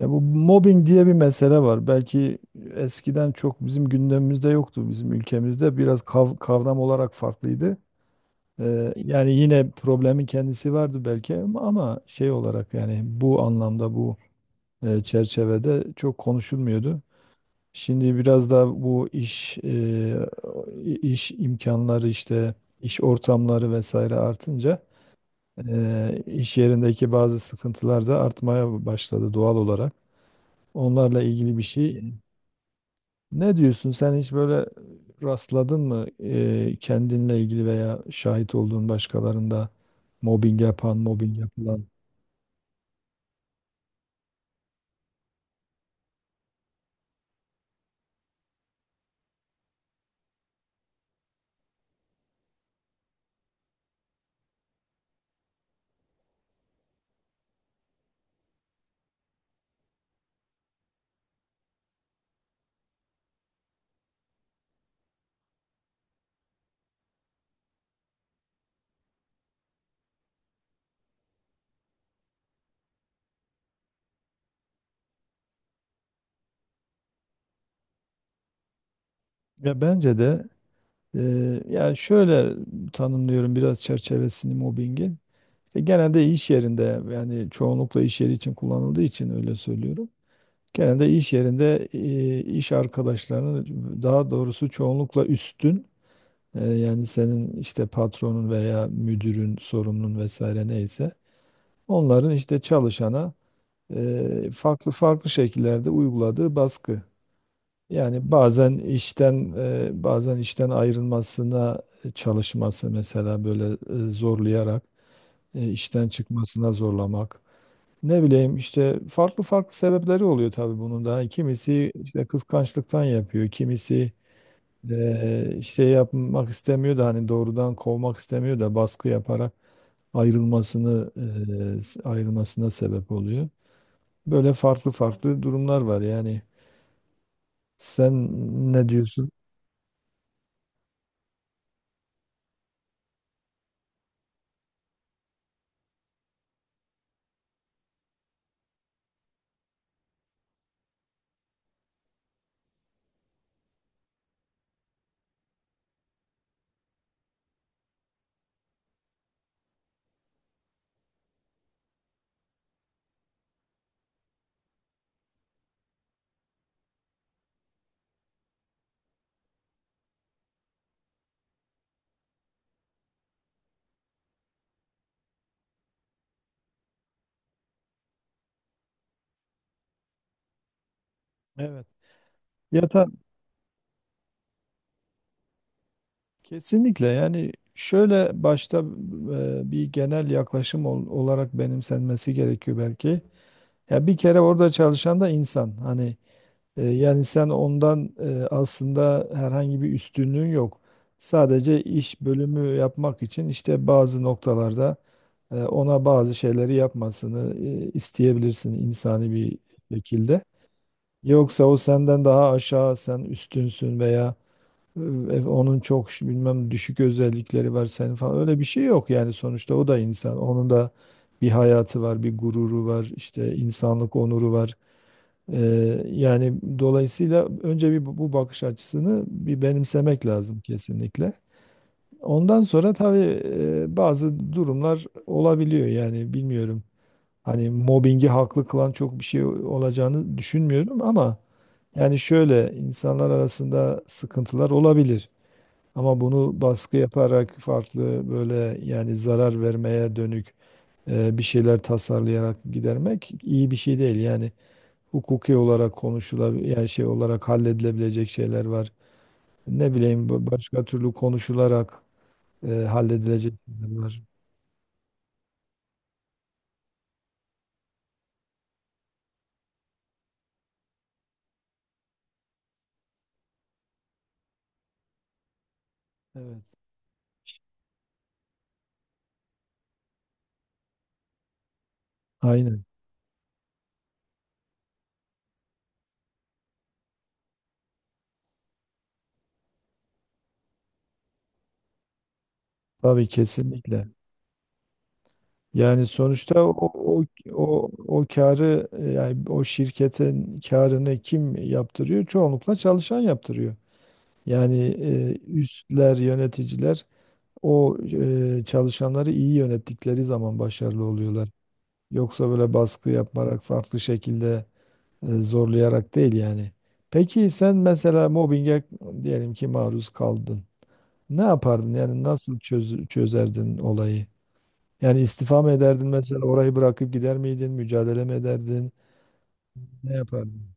Ya bu mobbing diye bir mesele var. Belki eskiden çok bizim gündemimizde yoktu bizim ülkemizde. Biraz kavram olarak farklıydı. Yani yine problemin kendisi vardı belki ama şey olarak yani bu anlamda bu çerçevede çok konuşulmuyordu. Şimdi biraz da bu iş imkanları işte iş ortamları vesaire artınca iş yerindeki bazı sıkıntılar da artmaya başladı doğal olarak. Onlarla ilgili bir şey. Ne diyorsun sen, hiç böyle rastladın mı, kendinle ilgili veya şahit olduğun başkalarında mobbing yapan, mobbing yapılan? Ya bence de, e, yani şöyle tanımlıyorum biraz çerçevesini mobbingin. İşte genelde iş yerinde, yani çoğunlukla iş yeri için kullanıldığı için öyle söylüyorum. Genelde iş yerinde iş arkadaşlarının, daha doğrusu çoğunlukla üstün, yani senin işte patronun veya müdürün, sorumlun vesaire neyse, onların işte çalışana farklı farklı şekillerde uyguladığı baskı. Yani bazen işten ayrılmasına çalışması, mesela böyle zorlayarak, işten çıkmasına zorlamak. Ne bileyim, işte farklı farklı sebepleri oluyor tabii bunun da. Yani kimisi işte kıskançlıktan yapıyor, kimisi işte yapmak istemiyor da hani doğrudan kovmak istemiyor da baskı yaparak ayrılmasını ayrılmasına sebep oluyor. Böyle farklı farklı durumlar var yani. Sen ne diyorsun? Evet. Ya ta- Kesinlikle. Yani şöyle, başta bir genel yaklaşım olarak benimsenmesi gerekiyor belki. Ya bir kere orada çalışan da insan. Hani yani sen ondan, aslında herhangi bir üstünlüğün yok. Sadece iş bölümü yapmak için işte bazı noktalarda ona bazı şeyleri yapmasını isteyebilirsin insani bir şekilde. Yoksa o senden daha aşağı, sen üstünsün veya e, onun çok bilmem düşük özellikleri var, senin falan. Öyle bir şey yok yani, sonuçta o da insan. Onun da bir hayatı var, bir gururu var, işte insanlık onuru var. Yani dolayısıyla önce bir bu bakış açısını bir benimsemek lazım kesinlikle. Ondan sonra tabii bazı durumlar olabiliyor yani, bilmiyorum. Hani mobbingi haklı kılan çok bir şey olacağını düşünmüyorum, ama yani şöyle, insanlar arasında sıkıntılar olabilir, ama bunu baskı yaparak, farklı böyle, yani zarar vermeye dönük bir şeyler tasarlayarak gidermek iyi bir şey değil. Yani hukuki olarak konuşulabilir, yani şey olarak halledilebilecek şeyler var. Ne bileyim, başka türlü konuşularak halledilecek şeyler var. Evet. Aynen. Tabii, kesinlikle. Yani sonuçta o karı, yani o şirketin karını kim yaptırıyor? Çoğunlukla çalışan yaptırıyor. Yani üstler, yöneticiler, o çalışanları iyi yönettikleri zaman başarılı oluyorlar. Yoksa böyle baskı yaparak, farklı şekilde zorlayarak değil yani. Peki sen mesela mobbinge, diyelim ki, maruz kaldın. Ne yapardın? Yani nasıl çözerdin olayı? Yani istifa mı ederdin mesela, orayı bırakıp gider miydin? Mücadele mi ederdin? Ne yapardın?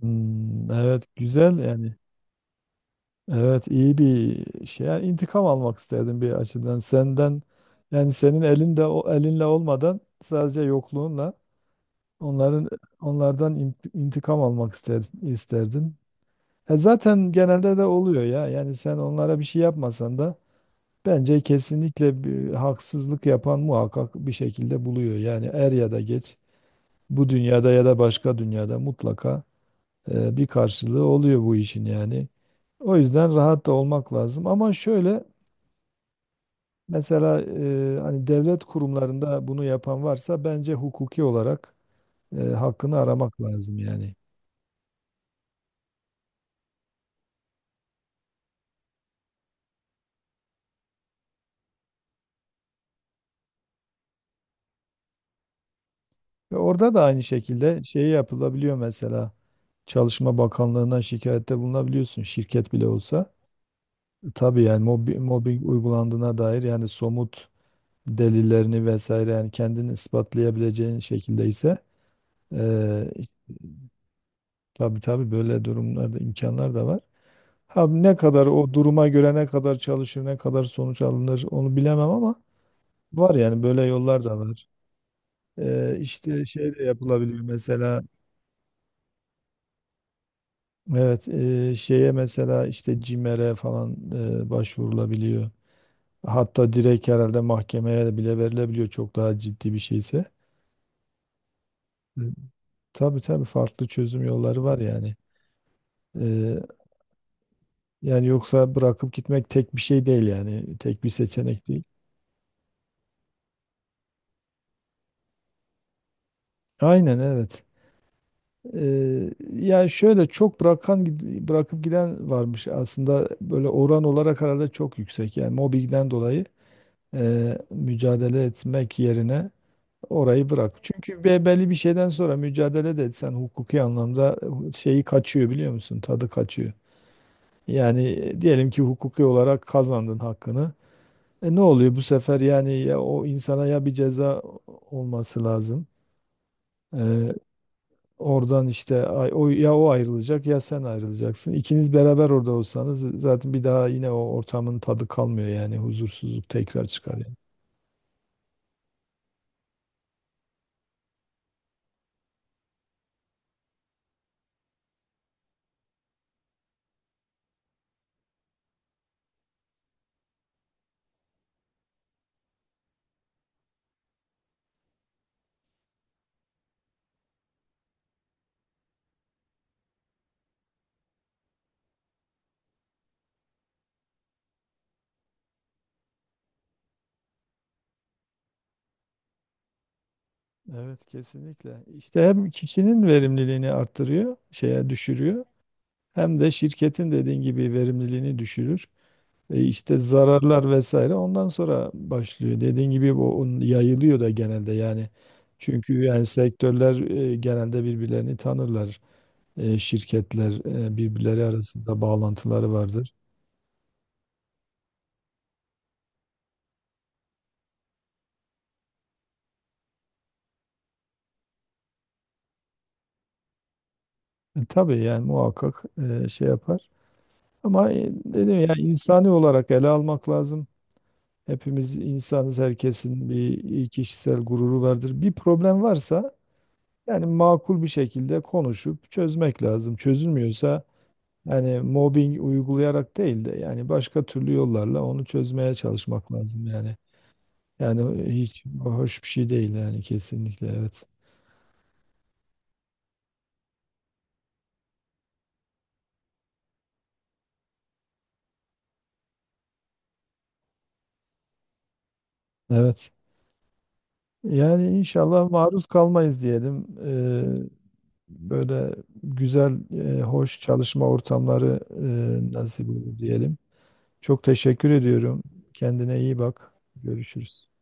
Hmm, evet, güzel yani. Evet, iyi bir şey. Yani intikam almak isterdim bir açıdan. Senden, yani senin elinde, o elinle olmadan sadece yokluğunla onların, onlardan intikam almak ister, isterdin. E zaten genelde de oluyor ya. Yani sen onlara bir şey yapmasan da bence kesinlikle bir haksızlık yapan muhakkak bir şekilde buluyor. Yani er ya da geç, bu dünyada ya da başka dünyada mutlaka bir karşılığı oluyor bu işin yani. O yüzden rahat da olmak lazım. Ama şöyle, mesela hani devlet kurumlarında bunu yapan varsa, bence hukuki olarak hakkını aramak lazım yani. Ve orada da aynı şekilde şey yapılabiliyor mesela. Çalışma Bakanlığı'na şikayette bulunabiliyorsun şirket bile olsa. Tabii yani mobbing uygulandığına dair, yani somut delillerini vesaire, yani kendini ispatlayabileceğin şekilde ise. Ee, tabii tabii, böyle durumlarda imkanlar da var. Ha, ne kadar, o duruma göre ne kadar çalışır, ne kadar sonuç alınır, onu bilemem ama var yani, böyle yollar da var. İşte şey de yapılabiliyor mesela, evet, şeye mesela işte CİMER'e falan başvurulabiliyor. Hatta direkt herhalde mahkemeye de bile verilebiliyor çok daha ciddi bir şeyse. Ee, Tabii tabii, farklı çözüm yolları var yani. Ee, Yani yoksa bırakıp gitmek tek bir şey değil, yani tek bir seçenek değil. Aynen, evet. Ya şöyle, çok bırakıp giden varmış aslında, böyle oran olarak herhalde çok yüksek yani, mobbingden dolayı mücadele etmek yerine orayı bırak. Çünkü belli bir şeyden sonra mücadele de etsen hukuki anlamda şeyi kaçıyor, biliyor musun? Tadı kaçıyor. Yani diyelim ki hukuki olarak kazandın hakkını. E ne oluyor bu sefer, yani ya o insana ya bir ceza olması lazım. Oradan işte ya o ayrılacak ya sen ayrılacaksın. İkiniz beraber orada olsanız zaten bir daha yine o ortamın tadı kalmıyor yani, huzursuzluk tekrar çıkar yani. Evet, kesinlikle. İşte hem kişinin verimliliğini arttırıyor, şeye düşürüyor. Hem de şirketin dediğin gibi verimliliğini düşürür. E işte zararlar vesaire ondan sonra başlıyor. Dediğin gibi bu onun yayılıyor da genelde yani. Çünkü yani sektörler genelde birbirlerini tanırlar. Şirketler, birbirleri arasında bağlantıları vardır. Tabii yani muhakkak şey yapar. Ama dedim ya, insani olarak ele almak lazım. Hepimiz insanız, herkesin bir kişisel gururu vardır. Bir problem varsa yani makul bir şekilde konuşup çözmek lazım. Çözülmüyorsa yani mobbing uygulayarak değil de yani başka türlü yollarla onu çözmeye çalışmak lazım yani. Yani hiç hoş bir şey değil yani, kesinlikle evet. Evet. Yani inşallah maruz kalmayız diyelim. Böyle güzel, hoş çalışma ortamları nasip olur diyelim. Çok teşekkür ediyorum. Kendine iyi bak. Görüşürüz.